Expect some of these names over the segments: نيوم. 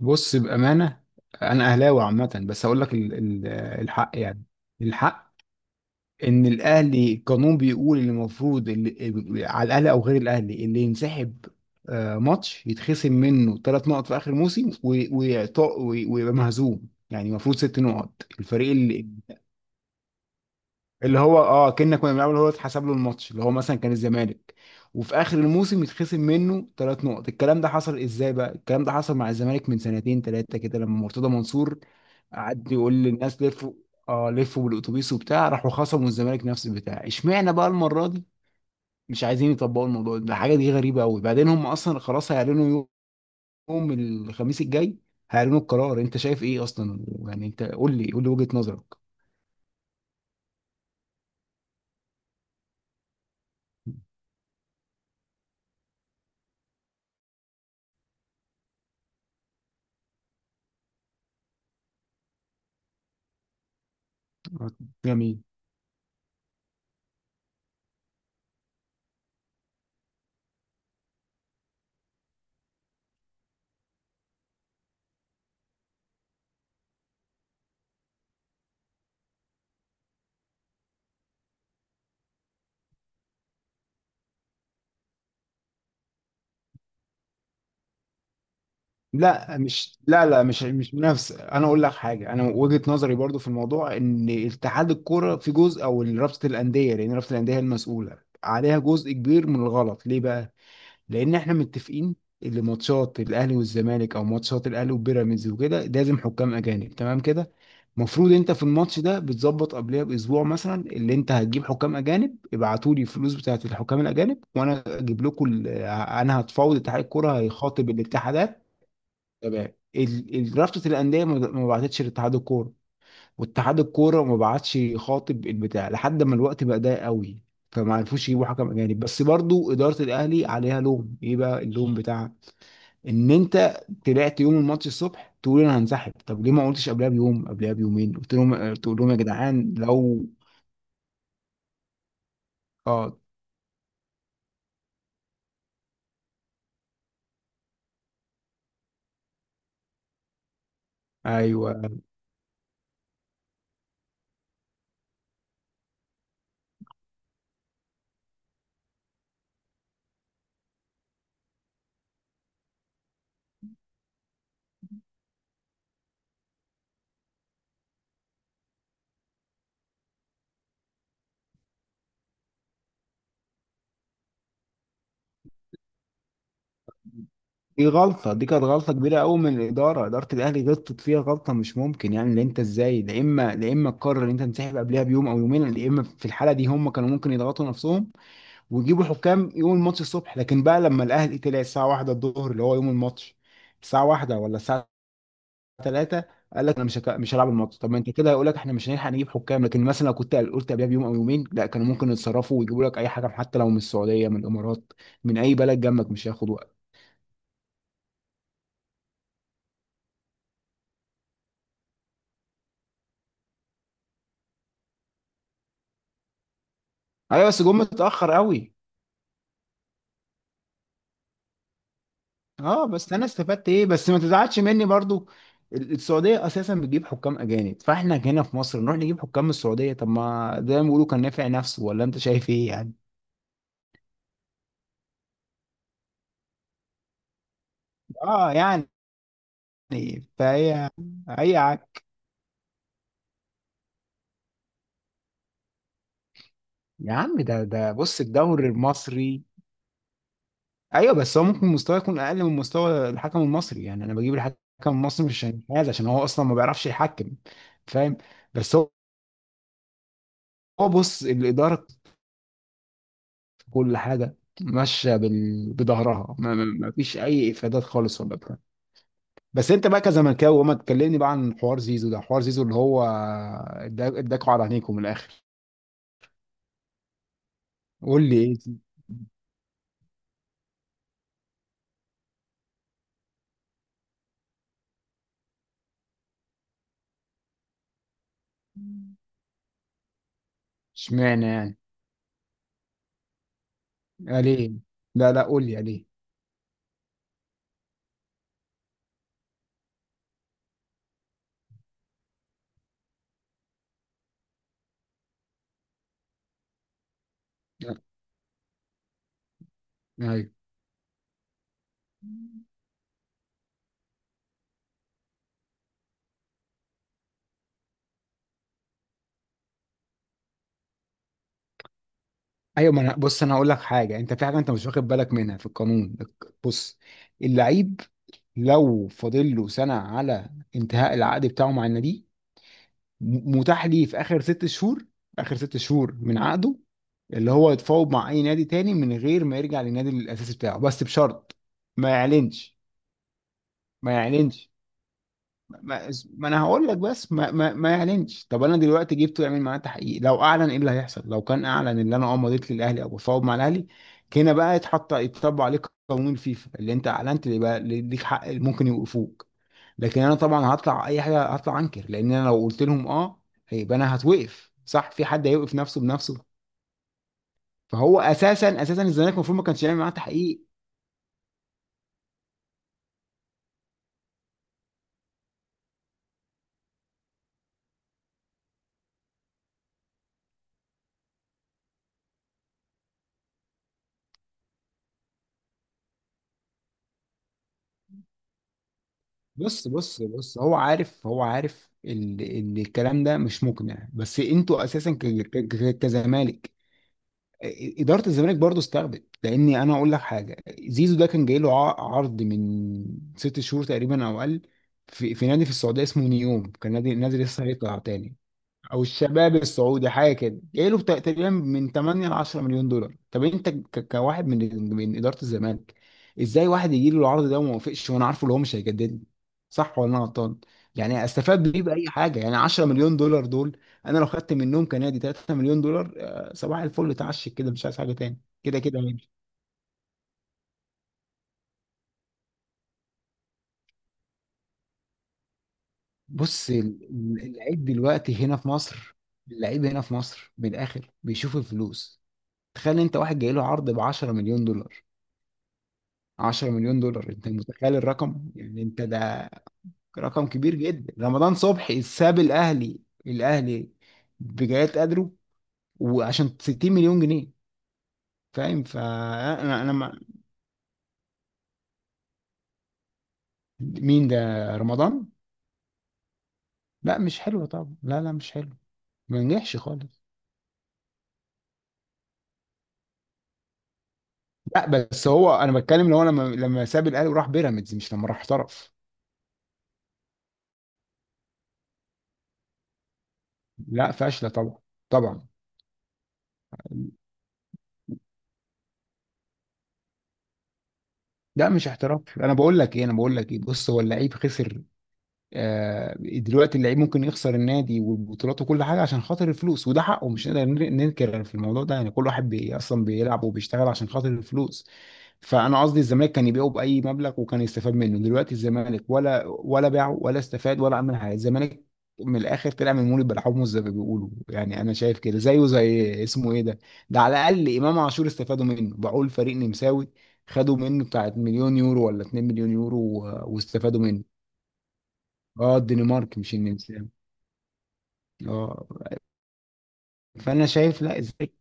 بص بأمانة، أنا أهلاوي عامة، بس هقول لك الحق. يعني الحق إن الأهلي، القانون بيقول إن المفروض اللي على الأهلي أو غير الأهلي اللي ينسحب ماتش يتخصم منه ثلاث نقط في آخر موسم، ويبقى مهزوم، يعني المفروض ست نقط. الفريق اللي هو كنا بنلعب، اللي هو اتحسب له الماتش، اللي هو مثلا كان الزمالك، وفي اخر الموسم يتخصم منه ثلاث نقط. الكلام ده حصل ازاي بقى؟ الكلام ده حصل مع الزمالك من سنتين ثلاثه كده لما مرتضى منصور قعد يقول للناس لفوا. اه، لفوا بالاتوبيس وبتاع، راحوا خصموا الزمالك نفس البتاع. اشمعنى بقى المره دي مش عايزين يطبقوا الموضوع ده؟ الحاجه دي غريبه قوي. بعدين هم اصلا خلاص هيعلنوا يوم الخميس الجاي، هيعلنوا القرار. انت شايف ايه اصلا؟ يعني انت قول لي وجهه نظرك. جميل. لا، مش لا لا مش مش منافسه. انا اقول لك حاجه، انا وجهه نظري برضو في الموضوع ان اتحاد الكوره في جزء، او رابطه الانديه، لان رابطه الانديه هي المسؤوله، عليها جزء كبير من الغلط. ليه بقى؟ لان احنا متفقين اللي ماتشات الاهلي والزمالك او ماتشات الاهلي وبيراميدز وكده لازم حكام اجانب، تمام كده؟ المفروض انت في الماتش ده بتظبط قبلها باسبوع مثلا، اللي انت هتجيب حكام اجانب. ابعتوا لي الفلوس بتاعت الحكام الاجانب، وانا اجيب لكم انا هتفاوض اتحاد الكوره هيخاطب الاتحادات. تمام. رابطه الانديه ما بعتتش لاتحاد الكوره، واتحاد الكوره ما بعتش خاطب البتاع لحد ما الوقت بقى ضيق قوي، فما عرفوش يجيبوا حكم اجانب. بس برضو اداره الاهلي عليها لوم. ايه بقى اللوم بتاعها؟ ان انت طلعت يوم الماتش الصبح تقول انا هنسحب. طب ليه ما قلتش قبلها بيوم، قبلها بيومين، قلت لهم، تقول لهم يا جدعان لو اه ايوه دي غلطه، دي كانت غلطه كبيره قوي من الاداره. اداره الاهلي غلطت فيها غلطه مش ممكن، يعني ان انت ازاي، لا اما تقرر ان انت تنسحب قبلها بيوم او يومين. لا اما في الحاله دي هم كانوا ممكن يضغطوا نفسهم ويجيبوا حكام يوم الماتش الصبح. لكن بقى لما الاهلي طلع الساعه 1 الظهر اللي هو يوم الماتش، الساعه 1 ولا الساعه 3، قال لك انا مش هلعب الماتش. طب ما انت كده هيقول لك احنا مش هنلحق نجيب حكام. لكن مثلا لو كنت قلت قبلها بيوم او يومين، لا، كانوا ممكن يتصرفوا ويجيبوا لك اي حكم، حتى لو من السعوديه، من الامارات، من اي بلد جنبك، مش هياخد وقت. ايوه، بس جم متاخر قوي. اه بس انا استفدت ايه؟ بس ما تزعلش مني برضو، السعوديه اساسا بتجيب حكام اجانب، فاحنا هنا في مصر نروح نجيب حكام من السعوديه؟ طب ما ده بيقولوا كان نافع نفسه. ولا انت شايف ايه يعني؟ اه يعني، فهي، اي عك يا عم ده بص، الدوري المصري، ايوه بس هو ممكن مستواه يكون اقل من مستوى الحكم المصري. يعني انا بجيب الحكم المصري مش عشان هذا، عشان هو اصلا ما بيعرفش يحكم، فاهم؟ بس هو، بص، الاداره في كل حاجه ماشيه بظهرها، ما فيش اي افادات خالص ولا بتاع. بس انت بقى كزملكاوي، وما تكلمني بقى عن حوار زيزو ده. حوار زيزو اللي هو اداكوا على عينيكم من الاخر. قول لي ايه؟ اشمعنى يعني؟ يعني ليه؟ لا لا، قول لي يعني ليه؟ لا، ايوه. ايوه، ما انا بص، انا هقول لك حاجه. انت في حاجه انت مش واخد بالك منها في القانون. بص، اللعيب لو فاضل له سنه على انتهاء العقد بتاعه مع النادي، متاح ليه في اخر ست شهور، اخر ست شهور من عقده، اللي هو يتفاوض مع اي نادي تاني من غير ما يرجع للنادي الاساسي بتاعه، بس بشرط ما يعلنش. ما يعلنش. ما, ما انا هقول لك، بس ما يعلنش. طب انا دلوقتي جبته يعمل معاه تحقيق، لو اعلن ايه اللي هيحصل؟ لو كان اعلن ان انا اه مضيت للاهلي او بفاوض مع الاهلي، هنا بقى يتحط، يتطبق عليك قانون الفيفا، اللي انت اعلنت اللي بقى اللي ليك حق، اللي ممكن يوقفوك. لكن انا طبعا هطلع اي حاجه، هطلع انكر. لان انا لو قلت لهم اه، هيبقى انا هتوقف. صح؟ في حد هيوقف نفسه بنفسه؟ فهو اساسا الزمالك المفروض ما كانش يعمل معاه تحقيق. بص، هو عارف ان الكلام ده مش مقنع. بس انتوا اساسا كزمالك، إ- اداره الزمالك برضو استخدت. لاني انا اقول لك حاجه، زيزو ده كان جاي له عرض من ست شهور تقريبا او اقل، في نادي في السعوديه اسمه نيوم، كان نادي لسه هيطلع تاني، او الشباب السعودي حاجه كده. جاي له تقريبا من 8 ل 10 مليون دولار. طب انت كواحد من اداره الزمالك، ازاي واحد يجي له العرض ده وما وافقش وانا عارفه اللي هو مش هيجدد لي؟ صح ولا انا غلطان؟ يعني استفاد بيه باي حاجه؟ يعني 10 مليون دولار دول، انا لو خدت منهم كنادي 3 مليون دولار، آه، صباح الفل، اتعشك كده، مش عايز حاجه تاني، كده كده هيمشي. بص اللعيب دلوقتي هنا في مصر، اللعيب هنا في مصر من الاخر بيشوف الفلوس. تخيل انت واحد جاي له عرض ب 10 مليون دولار، 10 مليون دولار، انت متخيل الرقم يعني انت ده؟ رقم كبير جدا. رمضان صبحي ساب الاهلي، الاهلي بجايات قدره، وعشان 60 مليون جنيه، فاهم؟ فانا ما، مين ده؟ رمضان؟ لا، مش حلو طبعا، لا لا، مش حلو، ما نجحش خالص. لا، بس هو انا بتكلم ان هو لما ساب الاهلي وراح بيراميدز، مش لما راح احترف. لا، فاشله طبعا، طبعا. لا، مش احتراف. انا بقول لك ايه، بص، هو اللعيب خسر. آه، دلوقتي اللعيب ممكن يخسر النادي والبطولات وكل حاجه عشان خاطر الفلوس، وده حقه، مش نقدر ننكر في الموضوع ده. يعني كل واحد بي اصلا بيلعب وبيشتغل عشان خاطر الفلوس. فانا قصدي الزمالك كان يبيعه باي مبلغ وكان يستفاد منه. دلوقتي الزمالك ولا باعه ولا استفاد ولا عمل حاجه. الزمالك من الاخر طلع من مولد بلحومه زي ما بيقولوا. يعني انا شايف كده زيه زي اسمه ايه ده، ده على الاقل امام عاشور استفادوا منه، باعوه لفريق نمساوي، خدوا منه بتاعت مليون يورو ولا 2 مليون يورو، واستفادوا منه. اه، الدنمارك مش النمسا. اه. فانا شايف، لا ازاي؟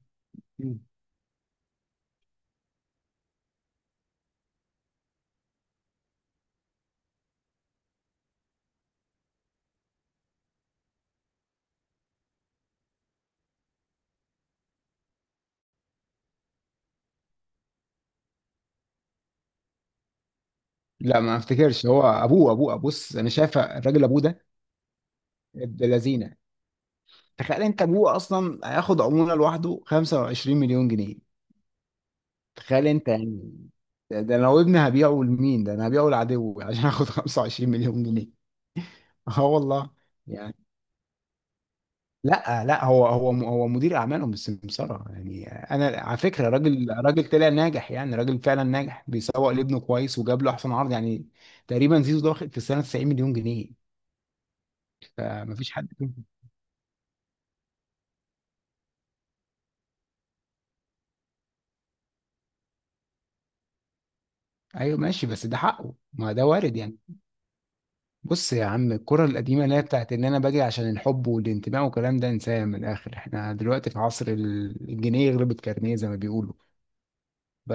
لا ما افتكرش. هو ابوه، بص، انا شايف الراجل ابوه ده ابن لذينه. تخيل انت ابوه اصلا هياخد عموله لوحده 25 مليون جنيه. تخيل انت يعني، ده لو ابني هبيعه لمين؟ ده انا هبيعه لعدوي عشان اخد 25 مليون جنيه. اه والله. يعني، لا لا، هو مدير اعمالهم بالسمساره يعني. انا على فكره راجل، راجل طلع ناجح، يعني راجل فعلا ناجح، بيسوق لابنه كويس وجاب له احسن عرض. يعني تقريبا زيزو ده واخد في السنه 90 مليون جنيه. فمفيش حد فيهم. ايوه، ماشي، بس ده حقه، ما ده وارد يعني. بص يا عم، الكره القديمه اللي هي بتاعت ان انا باجي عشان الحب والانتماء والكلام ده، انساها من الاخر. احنا دلوقتي في عصر الجنيه يغلب الكارنيه زي ما بيقولوا. ب...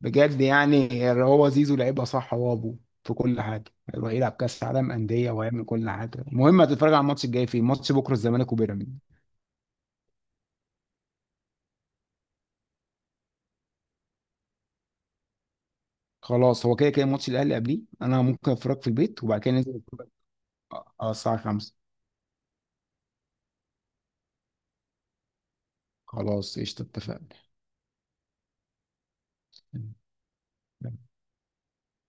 بجد يعني، هو زيزو لعيبه صح، هو ابوه في كل حاجه، هيروح يلعب كاس عالم انديه ويعمل كل حاجه. المهم، هتتفرج على الماتش الجاي فين؟ ماتش بكره الزمالك وبيراميدز. خلاص، هو كده كده ماتش الاهلي قبليه، انا ممكن اتفرج في البيت وبعد كده ننزل نتفرج. اه، آه، الساعه 5. خلاص، قشطه. اتفقنا.